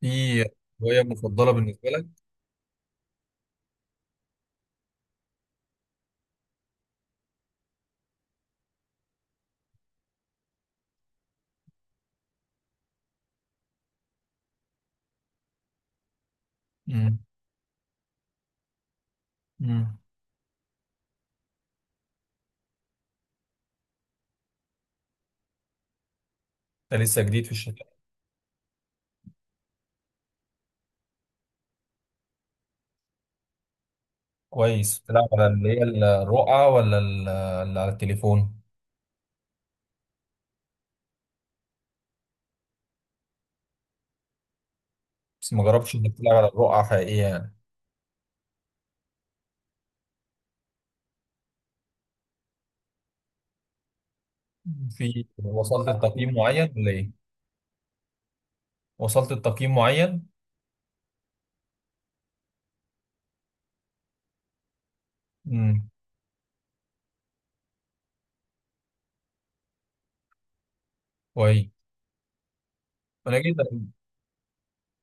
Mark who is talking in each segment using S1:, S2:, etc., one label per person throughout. S1: في هواية مفضلة بالنسبة لك؟ امم. امم. أنت لسه جديد في الشركة؟ كويس، بتلعب على اللي هي الرقعة ولا اللي على التليفون؟ بس ما جربتش إنك تلعب على الرقعة حقيقية يعني؟ مم. وصلت لتقييم معين ولا إيه؟ وصلت لتقييم معين؟ امم كويس. أنا جيت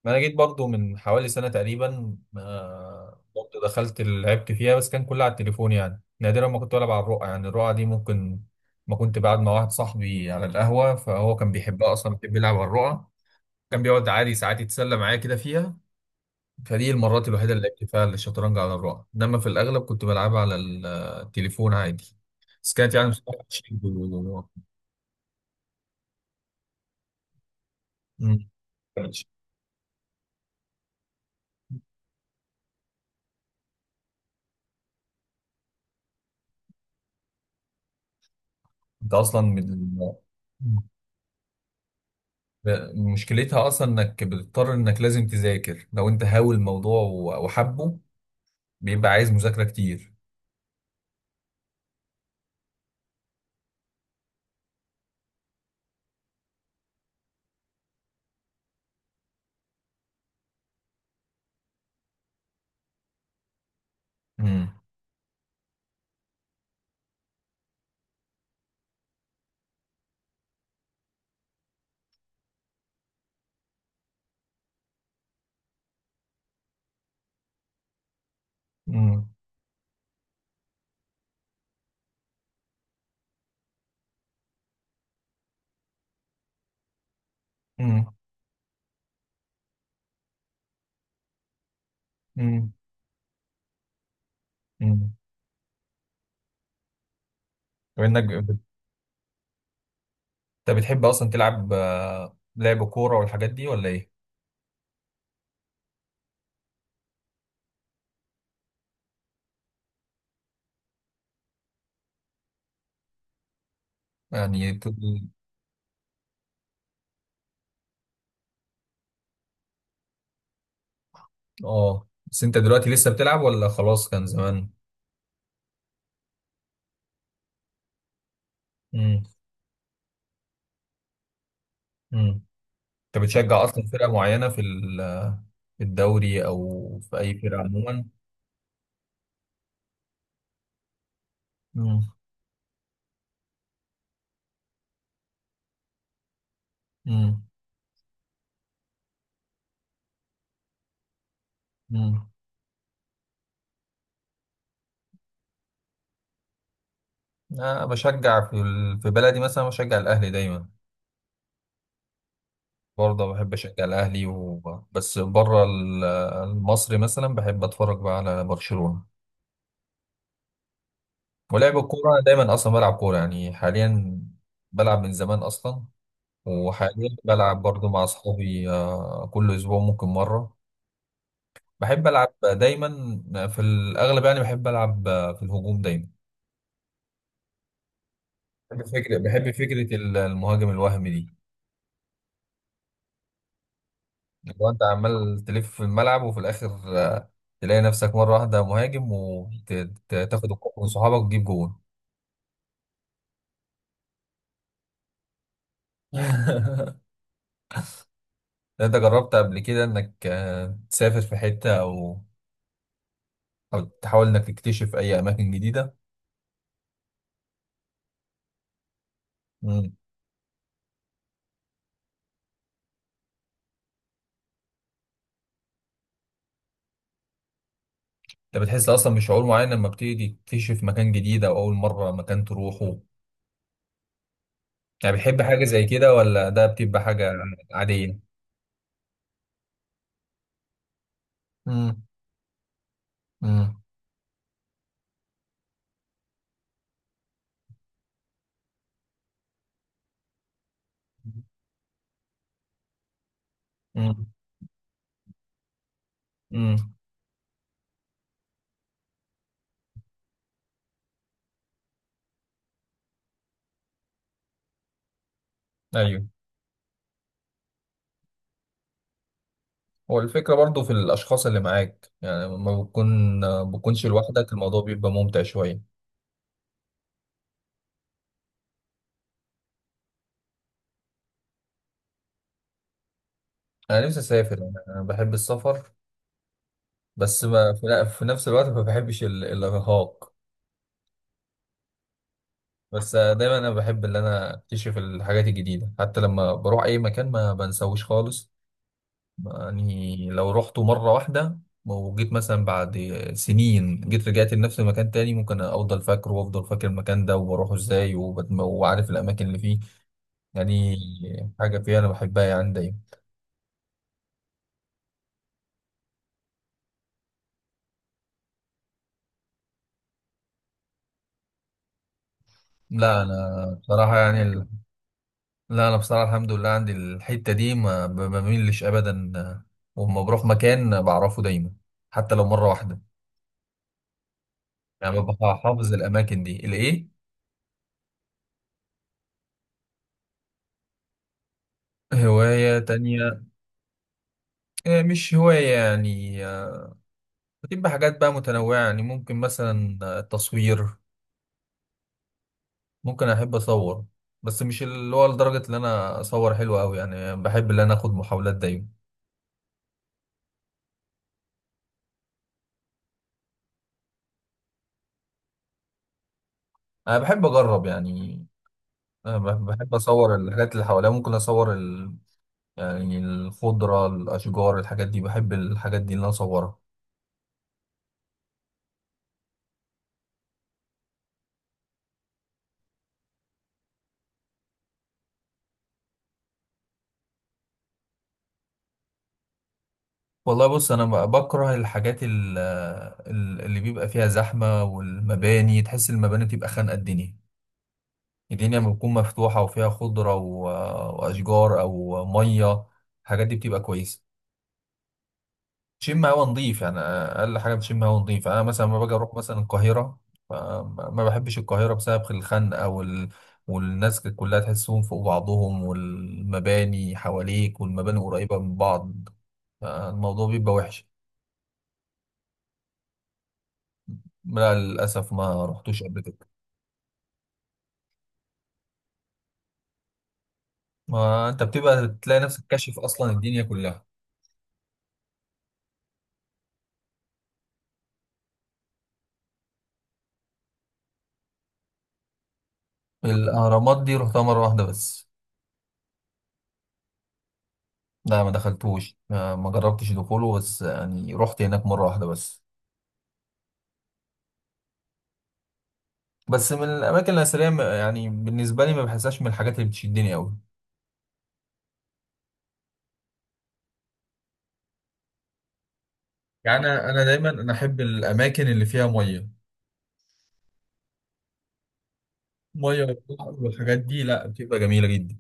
S1: ما انا جيت برضو من حوالي سنة تقريبا، برضو دخلت لعبت فيها بس كان كلها على التليفون، يعني نادرا ما كنت بلعب على الرقعة. يعني الرقعة دي، ممكن ما كنت قاعد مع واحد صاحبي على القهوة، فهو كان بيحبها اصلا، بيحب يلعب على الرقعة، كان بيقعد عادي ساعات يتسلى معايا كده فيها. فدي المرات الوحيدة اللي لعبت فيها الشطرنج على الرقعة، انما في الاغلب كنت بلعبها على التليفون عادي. بس كانت يعني بصراحة مم. انت اصلا من ب- مشكلتها اصلا انك بتضطر، انك لازم تذاكر لو انت هاوي الموضوع وحبه، بيبقى عايز مذاكره كتير. امم. امم. امم. امم. امم. وانك بت- انت بتحب اصلا تلعب لعب كوره والحاجات دي ولا ايه؟ يعني بت- اه بس انت دلوقتي لسه بتلعب ولا خلاص كان زمان؟ امم. امم. انت بتشجع اصلا فرقه معينه في في الدوري او في اي فرقه عموما؟ امم. امم. أنا بشجع في في بلدي، مثلا بشجع الأهلي دايما، برضه بحب أشجع الأهلي و... بس بره المصري مثلا بحب أتفرج بقى على برشلونة. ولعب الكورة أنا دايما أصلا بلعب كورة يعني حاليا، بلعب من زمان أصلا. وحاليا بلعب برضه مع أصحابي، كل أسبوع ممكن مرة. بحب ألعب دايما في الأغلب يعني، بحب ألعب في الهجوم دايما. بحب فكرة المهاجم الوهمي دي، لو انت عمال تلف في الملعب وفي الاخر آه، تلاقي نفسك مره واحده مهاجم، وتاخد الكوره من صحابك وتجيب جون. انت جربت قبل كده انك تسافر في حته او تحاول انك تكتشف اي اماكن جديده؟ مم. انت بتحس اصلا بشعور معين لما بتيجي تكتشف مكان جديد او اول مره مكان تروحه؟ يعني بتحب حاجه زي كده، ولا ده بتبقى حاجه عاديه؟ امم. امم. امم. ايوه، هو الفكرة برضو في الأشخاص اللي معاك، يعني لما بتكونش لوحدك الموضوع بيبقى ممتع شوية. أنا نفسي أسافر، أنا بحب السفر. بس ما في في نفس الوقت ما بحبش الإرهاق. بس دايما أنا بحب إن أنا أكتشف الحاجات الجديدة، حتى لما بروح أي مكان ما بنساوش خالص. يعني لو رحته مرة واحدة وجيت مثلا بعد سنين، جيت رجعت لنفس المكان تاني، ممكن أفضل فاكره وأفضل فاكر المكان ده وبروحه إزاي، وعارف الأماكن اللي فيه. يعني حاجة فيها أنا بحبها يعني دايما. لا أنا بصراحة يعني ال... لا أنا بصراحة الحمد لله عندي الحتة دي، ما بميلش أبدا، وأما بروح مكان بعرفه دايما حتى لو مرة واحدة، يعني ببقى حافظ الأماكن دي الإيه. هواية تانية؟ مش هواية يعني، بتبقى حاجات بقى متنوعة، يعني ممكن مثلا التصوير، ممكن أحب أصور. بس مش اللي هو لدرجة إن أنا أصور حلو أوي، يعني بحب إن أنا آخد محاولات دايما. أنا بحب أجرب يعني، بحب أصور الحاجات اللي حواليا، ممكن أصور ال... يعني الخضرة، الأشجار، الحاجات دي بحب الحاجات دي اللي أنا أصورها. والله بص أنا بكره الحاجات اللي بيبقى فيها زحمة، والمباني تحس المباني بتبقى خانقة. الدنيا، الدنيا لما بتكون مفتوحة وفيها خضرة و... وأشجار أو مية، الحاجات دي بتبقى كويسة. بتشم هوا نظيف يعني، اقل حاجه بتشم هوا نظيف. انا مثلا لما باجي اروح مثلا القاهره، ما بحبش القاهره بسبب الخنقه وال... والناس كلها تحسهم فوق بعضهم، والمباني حواليك والمباني قريبه من بعض، الموضوع بيبقى وحش. لا للاسف ما رحتوش قبل كده. ما انت بتبقى تلاقي نفسك كاشف اصلا الدنيا كلها. الاهرامات دي رحتها مره واحده بس. لا ما دخلتوش، ما جربتش دخوله، بس يعني رحت هناك مره واحده بس. بس من الاماكن الاثريه يعني بالنسبه لي ما بحسهاش من الحاجات اللي بتشدني قوي. يعني انا دايما انا احب الاماكن اللي فيها ميه، ميه والبحر والحاجات دي، لا بتبقى جميله جدا.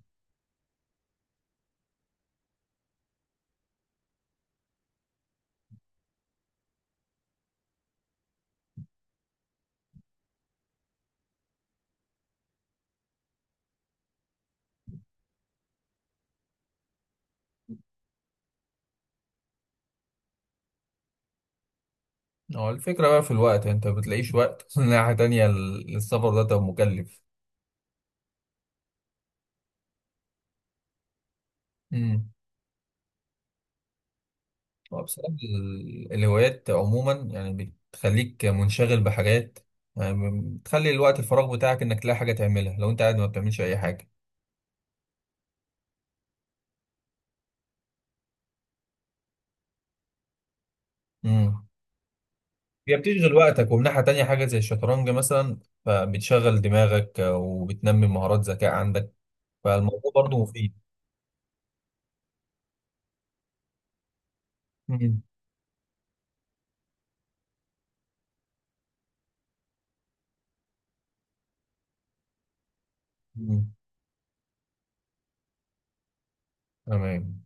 S1: هو الفكره بقى في الوقت، انت ما بتلاقيش وقت. ناحيه تانية السفر ده تبقى مكلف. امم. هو بصراحه الهوايات عموما يعني بتخليك منشغل بحاجات، يعني بتخلي الوقت الفراغ بتاعك انك تلاقي حاجه تعملها. لو انت قاعد ما بتعملش اي حاجه. امم. هي بتشغل وقتك، ومن ناحية تانية حاجة زي الشطرنج مثلا فبتشغل دماغك، وبتنمي مهارات ذكاء عندك، فالموضوع برضه مفيد. مم. مم. تمام.